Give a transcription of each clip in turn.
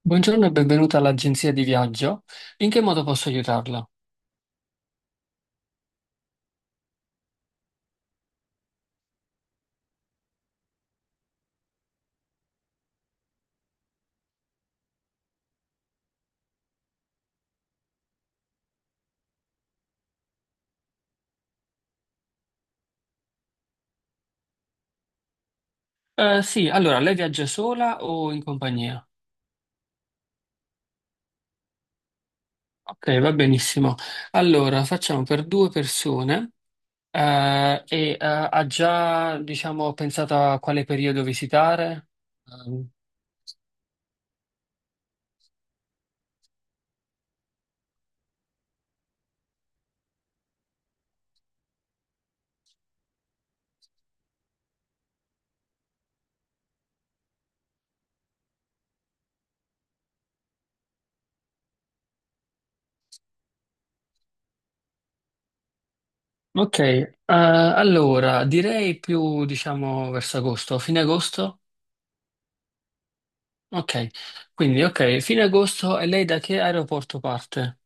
Buongiorno e benvenuta all'agenzia di viaggio. In che modo posso aiutarla? Sì, allora, lei viaggia sola o in compagnia? Ok, va benissimo. Allora, facciamo per due persone ha già, diciamo, pensato a quale periodo visitare? Ehm, ok, allora, direi più, diciamo, verso agosto, fine agosto? Ok, quindi ok, fine agosto e lei da che aeroporto parte?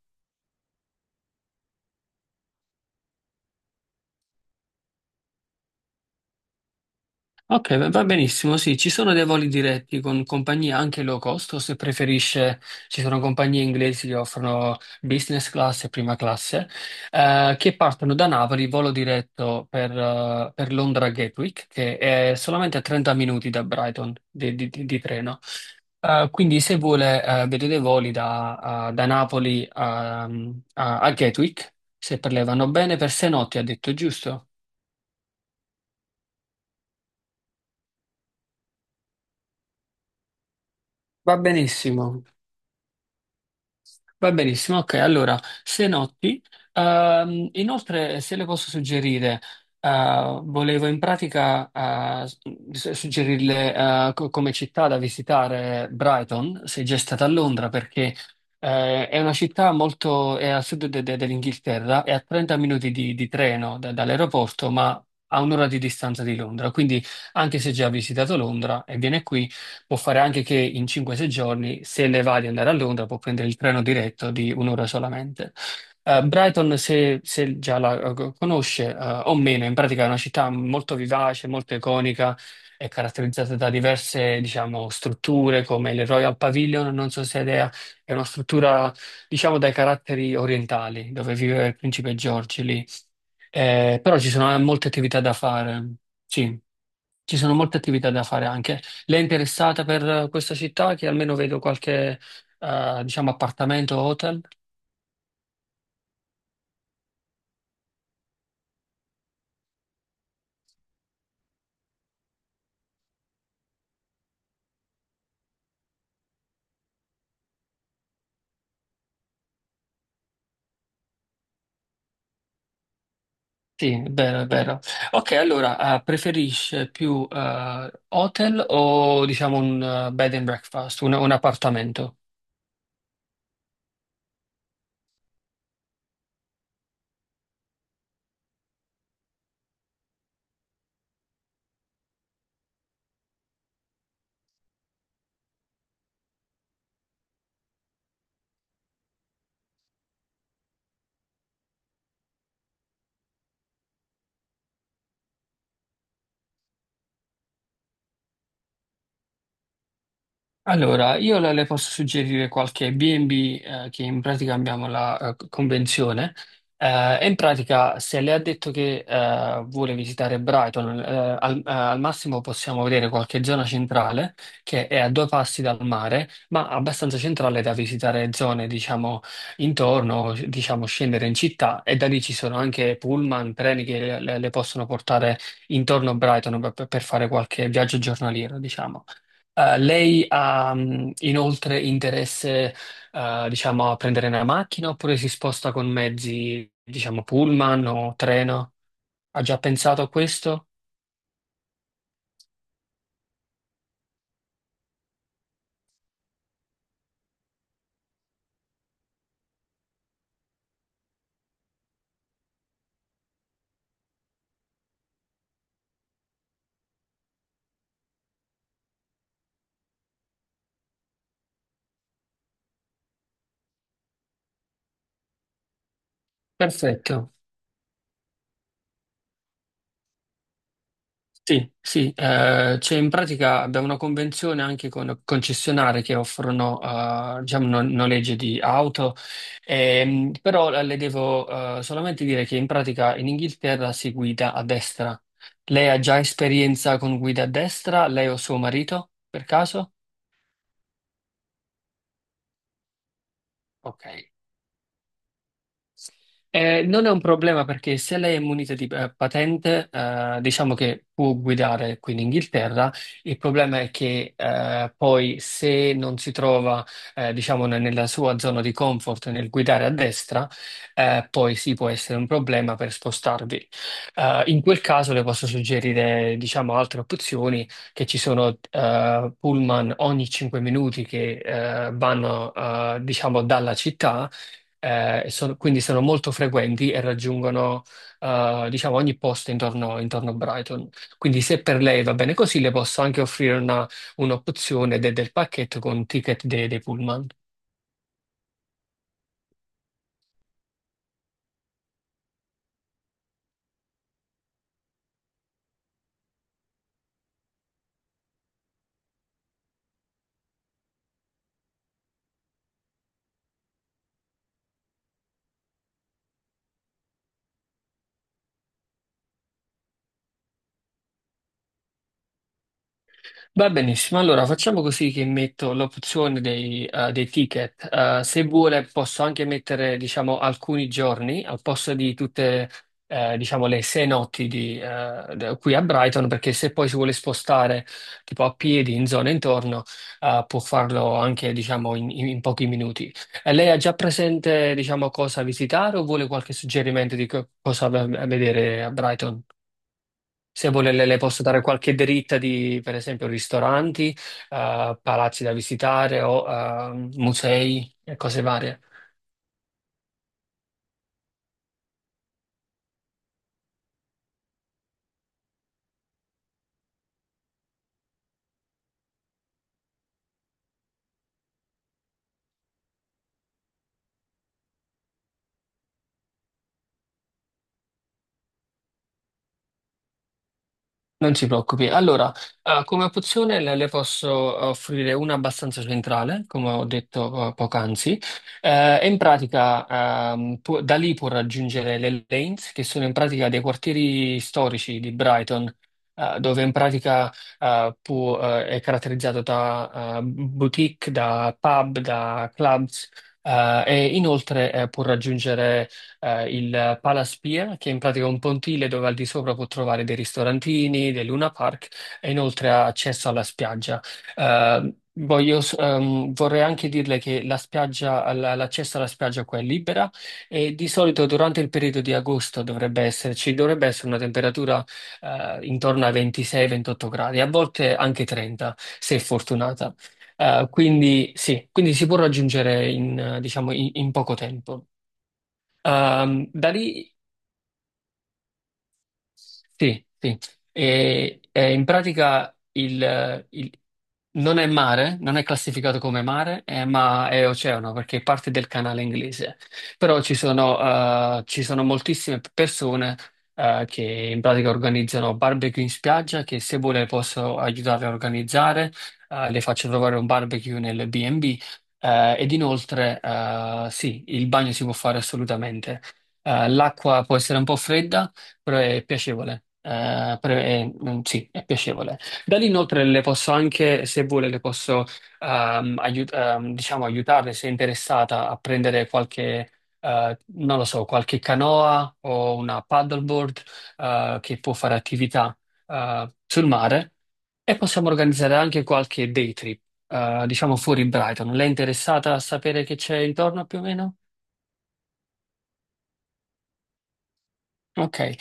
Ok, va benissimo, sì, ci sono dei voli diretti con compagnie anche low cost, o se preferisce, ci sono compagnie inglesi che offrono business class e prima classe, che partono da Napoli, volo diretto per Londra Gatwick, che è solamente a 30 minuti da Brighton di treno. Quindi se vuole, vedo dei voli da, da Napoli a, a Gatwick, se per lei vanno bene, per sei notti ha detto, giusto? Va benissimo. Va benissimo, ok. Allora, se notti, inoltre se le posso suggerire, volevo in pratica suggerirle come città da visitare Brighton, se già è stata a Londra, perché è una città molto, è al sud dell'Inghilterra, è a 30 minuti di treno dall'aeroporto, ma a un'ora di distanza di Londra. Quindi, anche se già ha visitato Londra e viene qui, può fare anche che in 5-6 giorni, se ne va di andare a Londra, può prendere il treno diretto di un'ora solamente. Brighton, se già la conosce, o meno, in pratica è una città molto vivace, molto iconica, è caratterizzata da diverse, diciamo, strutture come il Royal Pavilion, non so se è idea, è una struttura, diciamo, dai caratteri orientali, dove viveva il principe George lì. Però ci sono molte attività da fare. Sì, ci sono molte attività da fare anche. Lei è interessata per questa città che almeno vedo qualche, diciamo, appartamento o hotel? Sì, è vero, è vero. Ok, allora, preferisce più hotel o diciamo un bed and breakfast, un appartamento? Allora, io le posso suggerire qualche B&B che in pratica abbiamo la convenzione e in pratica se le ha detto che vuole visitare Brighton, al massimo possiamo vedere qualche zona centrale che è a due passi dal mare, ma abbastanza centrale da visitare zone, diciamo, intorno, diciamo, scendere in città e da lì ci sono anche pullman, treni che le possono portare intorno a Brighton per fare qualche viaggio giornaliero, diciamo. Lei ha inoltre interesse, diciamo, a prendere una macchina oppure si sposta con mezzi, diciamo, pullman o treno? Ha già pensato a questo? Perfetto. Sì, sì, c'è in pratica abbiamo una convenzione anche con concessionari che offrono diciamo, noleggio di auto, però le devo solamente dire che in pratica in Inghilterra si guida a destra. Lei ha già esperienza con guida a destra, lei o suo marito, per caso? Ok. Non è un problema perché se lei è munita di patente, diciamo che può guidare qui in Inghilterra. Il problema è che poi se non si trova, diciamo, nella sua zona di comfort nel guidare a destra, poi sì può essere un problema per spostarvi. In quel caso le posso suggerire, diciamo, altre opzioni che ci sono pullman ogni 5 minuti che vanno, diciamo, dalla città quindi sono molto frequenti e raggiungono, diciamo, ogni posto intorno a Brighton. Quindi se per lei va bene così, le posso anche offrire un'opzione del pacchetto con ticket dei pullman. Va benissimo, allora facciamo così che metto l'opzione dei ticket. Se vuole posso anche mettere, diciamo, alcuni giorni al posto di tutte, diciamo, le sei notti di, qui a Brighton, perché se poi si vuole spostare tipo a piedi in zone intorno, può farlo anche, diciamo, in pochi minuti. E lei ha già presente, diciamo, cosa visitare o vuole qualche suggerimento di cosa vedere a Brighton? Se vuole le posso dare qualche dritta di, per esempio, ristoranti, palazzi da visitare o musei e cose varie. Non si preoccupi. Allora, come opzione le posso offrire una abbastanza centrale, come ho detto poc'anzi. Da lì può raggiungere le lanes, che sono in pratica dei quartieri storici di Brighton, dove in pratica è caratterizzato da boutique, da pub, da clubs, e inoltre può raggiungere il Palaspia, che in pratica è un pontile dove al di sopra può trovare dei ristorantini, dei Luna Park e inoltre ha accesso alla spiaggia. Eh, Vorrei anche dirle che l'accesso alla spiaggia qua è libera e di solito durante il periodo di agosto dovrebbe esserci, dovrebbe essere una temperatura intorno ai 26-28 gradi, a volte anche 30 se fortunata. Quindi sì, quindi si può raggiungere in, diciamo, in poco tempo. Da lì sì, sì. E in pratica non è mare, non è classificato come mare, ma è oceano perché è parte del canale inglese. Però ci sono moltissime persone, che in pratica organizzano barbecue in spiaggia, che se vuole posso aiutarle a organizzare, le faccio trovare un barbecue nel B&B, ed inoltre, sì, il bagno si può fare assolutamente. L'acqua può essere un po' fredda però è piacevole. Sì, è piacevole. Da lì inoltre le posso anche, se vuole, le posso diciamo, aiutarle se è interessata a prendere qualche, non lo so, qualche canoa o una paddleboard che può fare attività sul mare e possiamo organizzare anche qualche day trip, diciamo fuori Brighton. Lei è interessata a sapere che c'è intorno più o meno? Ok.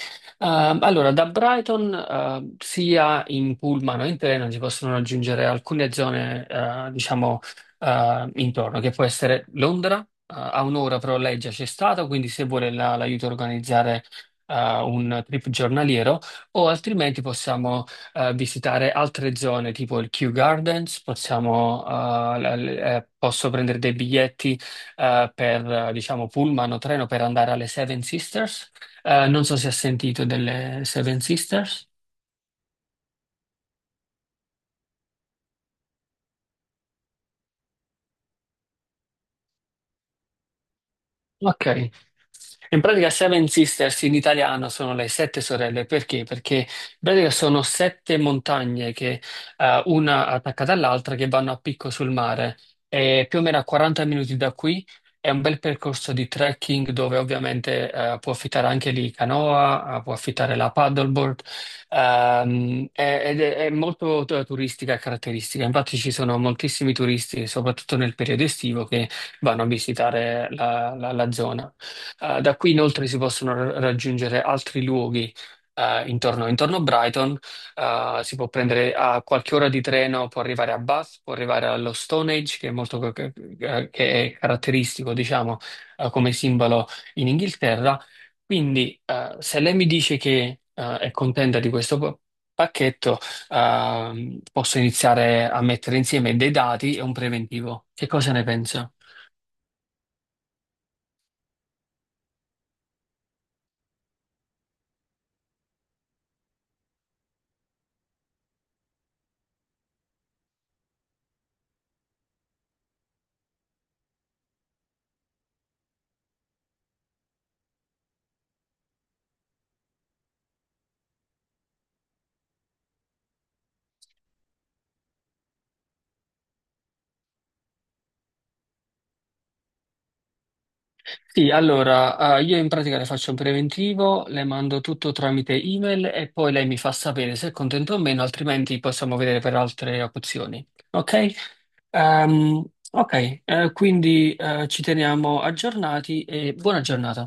Allora da Brighton sia in pullman o in treno si possono raggiungere alcune zone, intorno, che può essere Londra, a un'ora però lei già c'è stata, quindi se vuole la- l'aiuto a organizzare eh, un trip giornaliero, o altrimenti possiamo visitare altre zone tipo il Kew Gardens, possiamo, posso prendere dei biglietti diciamo, pullman o treno per andare alle Seven Sisters non so se ha sentito delle Seven Sisters. Ok. In pratica Seven Sisters in italiano sono le sette sorelle, perché? Perché in pratica sono sette montagne che una attaccata all'altra che vanno a picco sul mare. E più o meno a 40 minuti da qui è un bel percorso di trekking dove ovviamente può affittare anche lì canoa, può affittare la paddleboard, ed è molto turistica e caratteristica. Infatti ci sono moltissimi turisti, soprattutto nel periodo estivo, vanno a visitare la zona. Da qui inoltre si possono raggiungere altri luoghi intorno a Brighton. Si può prendere a qualche ora di treno, può arrivare a Bath, può arrivare allo Stonehenge, che è molto che è caratteristico, diciamo, come simbolo in Inghilterra. Quindi, se lei mi dice che è contenta di questo pacchetto, posso iniziare a mettere insieme dei dati e un preventivo. Che cosa ne pensa? Sì, allora, io in pratica le faccio un preventivo, le mando tutto tramite email e poi lei mi fa sapere se è contento o meno, altrimenti possiamo vedere per altre opzioni. Ok? Ehm, ok, quindi ci teniamo aggiornati e buona giornata.